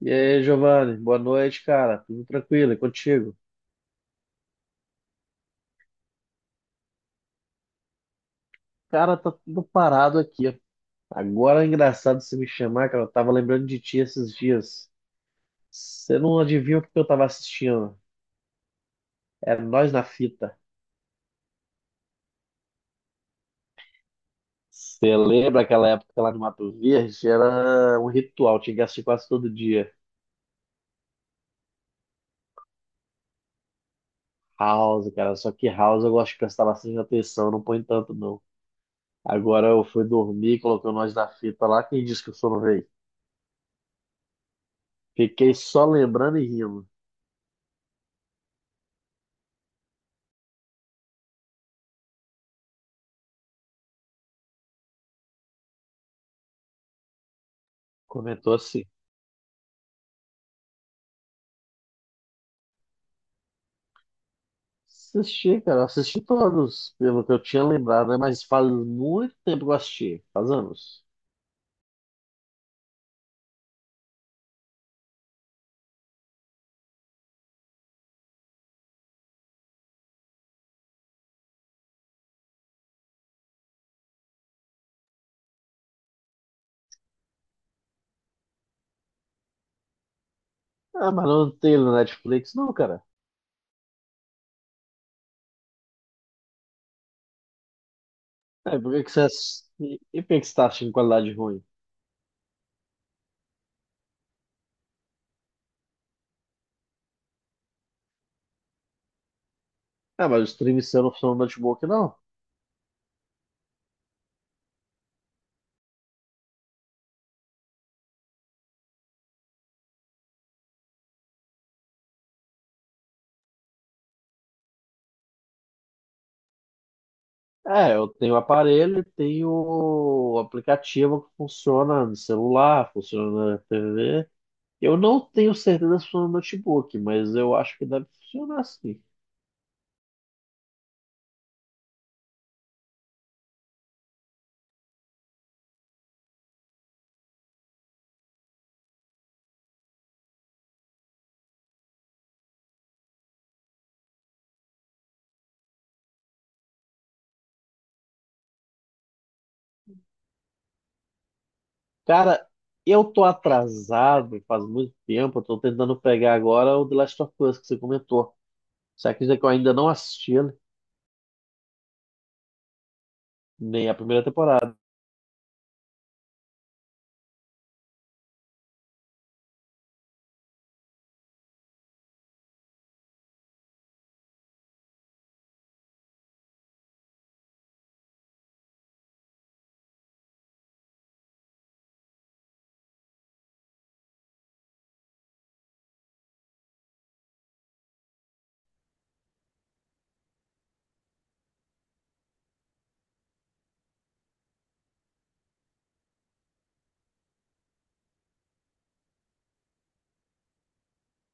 E aí, Giovanni, boa noite, cara. Tudo tranquilo? E contigo? Cara, tá tudo parado aqui. Agora é engraçado você me chamar, cara. Eu tava lembrando de ti esses dias. Você não adivinha o que eu tava assistindo? Era Nós na Fita. Você lembra aquela época lá no Mato Verde? Era um ritual, tinha que assistir quase todo dia. House, cara. Só que House eu gosto de prestar bastante atenção, não põe tanto não. Agora eu fui dormir, coloquei o Nós na Fita lá. Quem disse que o sono veio? Fiquei só lembrando e rindo. Comentou assim. Assisti, cara, assisti todos, pelo que eu tinha lembrado, né? Mas faz muito tempo que eu assisti, faz anos. Ah, mas não tem no Netflix, não, cara. É, por que que você assisti... E por que que você tá assistindo qualidade ruim? Ah, mas o stream seu não funciona no notebook, não. É, eu tenho o aparelho e tenho o aplicativo que funciona no celular, funciona na TV. Eu não tenho certeza se funciona no notebook, mas eu acho que deve funcionar, sim. Cara, eu tô atrasado faz muito tempo. Eu tô tentando pegar agora o The Last of Us que você comentou. Só que eu ainda não assisti ele, nem a primeira temporada.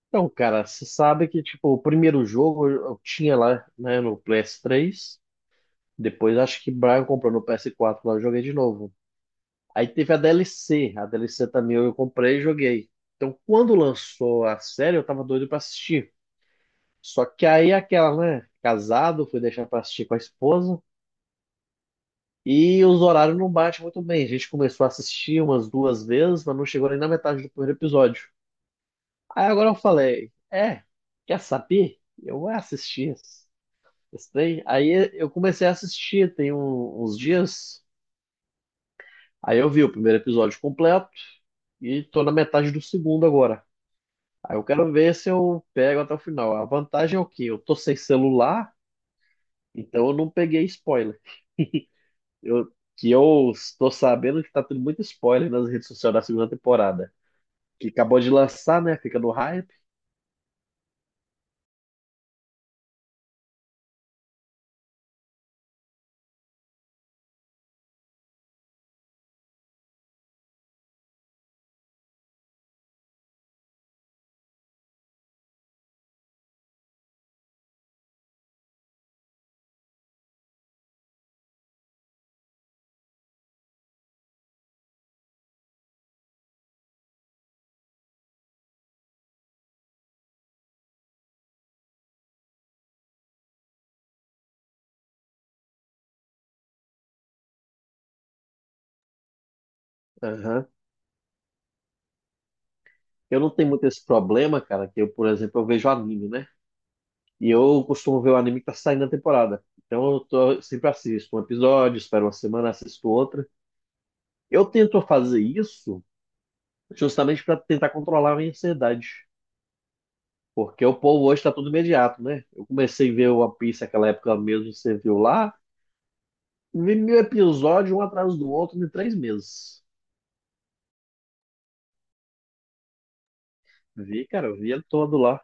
Então, cara, você sabe que, tipo, o primeiro jogo eu tinha lá, né, no PS3. Depois acho que Brian comprou no PS4 lá, eu joguei de novo. Aí teve a DLC. A DLC também eu comprei e joguei. Então, quando lançou a série, eu tava doido pra assistir. Só que aí aquela, né, casado, fui deixar pra assistir com a esposa. E os horários não batem muito bem. A gente começou a assistir umas duas vezes, mas não chegou nem na metade do primeiro episódio. Aí agora eu falei, é, quer saber? Eu vou assistir esse trem. Aí eu comecei a assistir tem uns dias. Aí eu vi o primeiro episódio completo e tô na metade do segundo agora. Aí eu quero ver se eu pego até o final. A vantagem é o quê? Eu tô sem celular, então eu não peguei spoiler. Eu, que eu estou sabendo que tá tendo muito spoiler nas redes sociais da segunda temporada que acabou de lançar, né? Fica no hype. Aham. Eu não tenho muito esse problema, cara, que eu, por exemplo, eu vejo anime, né? E eu costumo ver o anime que tá saindo na temporada. Então eu tô, sempre assisto um episódio, espero uma semana, assisto outra. Eu tento fazer isso justamente para tentar controlar a minha ansiedade. Porque o povo hoje tá tudo imediato, né? Eu comecei a ver o One Piece naquela época mesmo, você viu lá. Vi 1.000 episódios, um atrás do outro, em 3 meses. Vi, cara, eu vi ele todo lá.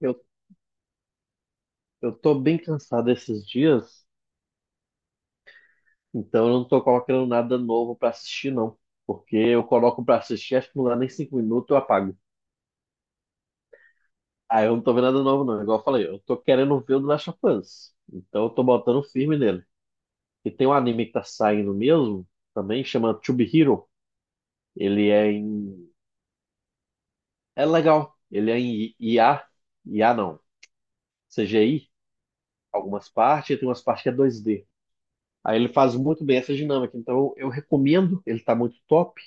Eu, eu tô bem cansado esses dias. Então eu não tô colocando nada novo pra assistir, não. Porque eu coloco pra assistir, acho que não dá nem 5 minutos, eu apago. Aí eu não tô vendo nada novo, não. Igual eu falei, eu tô querendo ver o do Last of Us. Então eu tô botando firme nele. E tem um anime que tá saindo mesmo, também, chama To Be Hero. Ele é em. É legal. Ele é em IA. IA não. CGI, algumas partes, e tem umas partes que é 2D. Aí ele faz muito bem essa dinâmica. Então eu recomendo, ele tá muito top.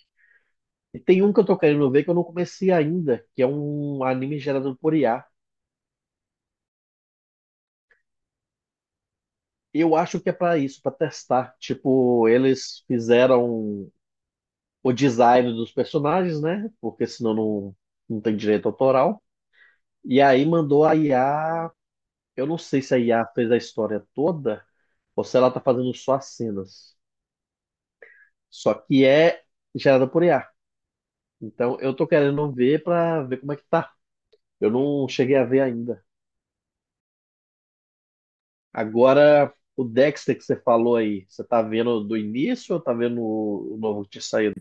E tem um que eu tô querendo ver que eu não comecei ainda, que é um anime gerado por IA. Eu acho que é pra isso, pra testar. Tipo, eles fizeram o design dos personagens, né? Porque senão não tem direito autoral. E aí mandou a IA. Eu não sei se a IA fez a história toda ou se ela tá fazendo só as cenas. Só que é gerada por IA. Então eu tô querendo ver pra ver como é que tá. Eu não cheguei a ver ainda. Agora, o Dexter que você falou aí, você tá vendo do início ou tá vendo o novo que tinha saído?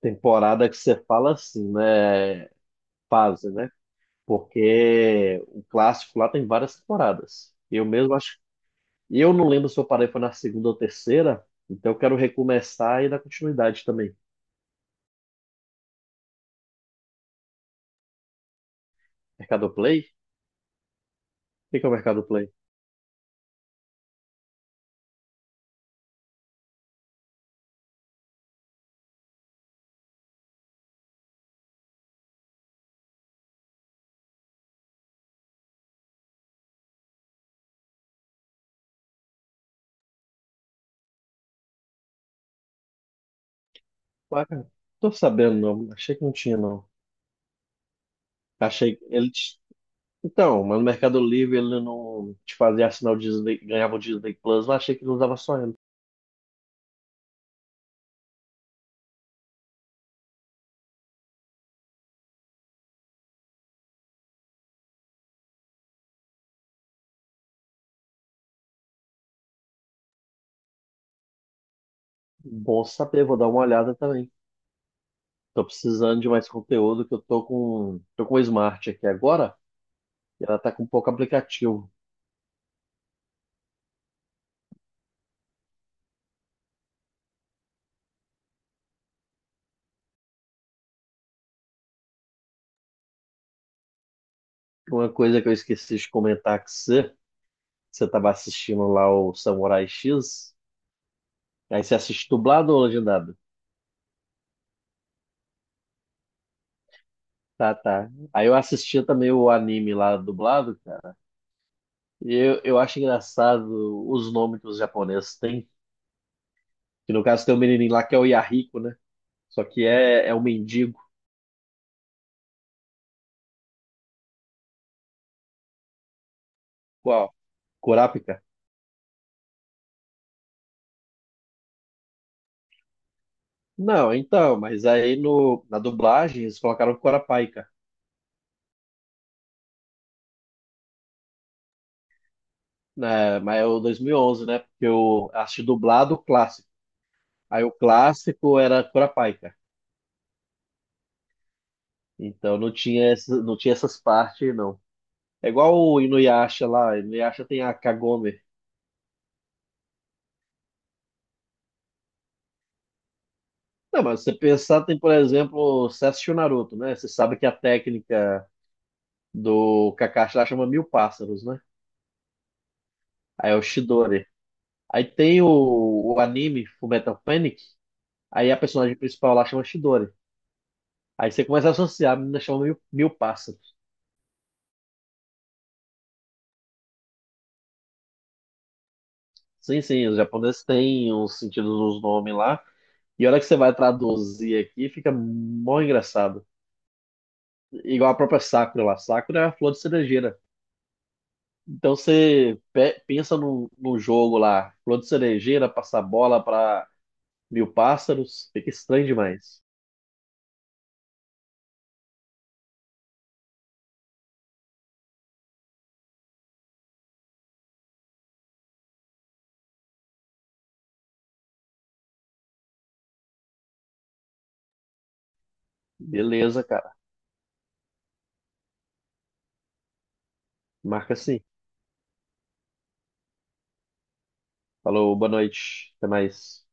Temporada que você fala assim, né? Fase, né? Porque o clássico lá tem várias temporadas. Eu mesmo acho. Eu não lembro se eu parei foi na segunda ou terceira, então eu quero recomeçar e dar continuidade também. Mercado Play? O que que é o Mercado Play? Ué, cara, tô sabendo, não. Achei que não tinha, não. Achei. Ele. Então, mas no Mercado Livre ele não te fazia assinar o Disney, ganhava o Disney Plus, mas achei que não usava só ele. Bom saber, vou dar uma olhada também. Tô precisando de mais conteúdo que eu tô com o Smart aqui agora, e ela tá com um pouco aplicativo. Uma coisa que eu esqueci de comentar que você tava assistindo lá o Samurai X, aí você assiste dublado ou legendado? Tá, tá. Aí eu assistia também o anime lá dublado, cara, e eu acho engraçado os nomes que os japoneses têm. Que no caso tem um menininho lá que é o Yahiko, né? Só que é um mendigo. Qual? Kurapika? Não, então, mas aí no, na dublagem eles colocaram Kurapika. Né? Mas é o 2011, né? Porque eu assisti dublado o clássico. Aí o clássico era Kurapika. Então não tinha, não tinha essas partes, não. É igual o Inuyasha lá. Inuyasha tem a Kagome. Não, mas se você pensar, tem, por exemplo, você assistiu Naruto, né? Você sabe que a técnica do Kakashi lá chama mil pássaros, né? Aí é o Chidori. Aí tem o anime Fullmetal Panic, aí a personagem principal lá chama Shidori. Aí você começa a associar, a menina chama mil pássaros. Sim, sim, os japoneses têm os sentidos dos nomes lá. E a hora que você vai traduzir aqui, fica mó engraçado. Igual a própria Sakura lá. Sakura é a flor de cerejeira. Então você pensa num jogo lá, flor de cerejeira, passar bola para mil pássaros, fica estranho demais. Beleza, cara. Marca assim. Falou, boa noite. Até mais.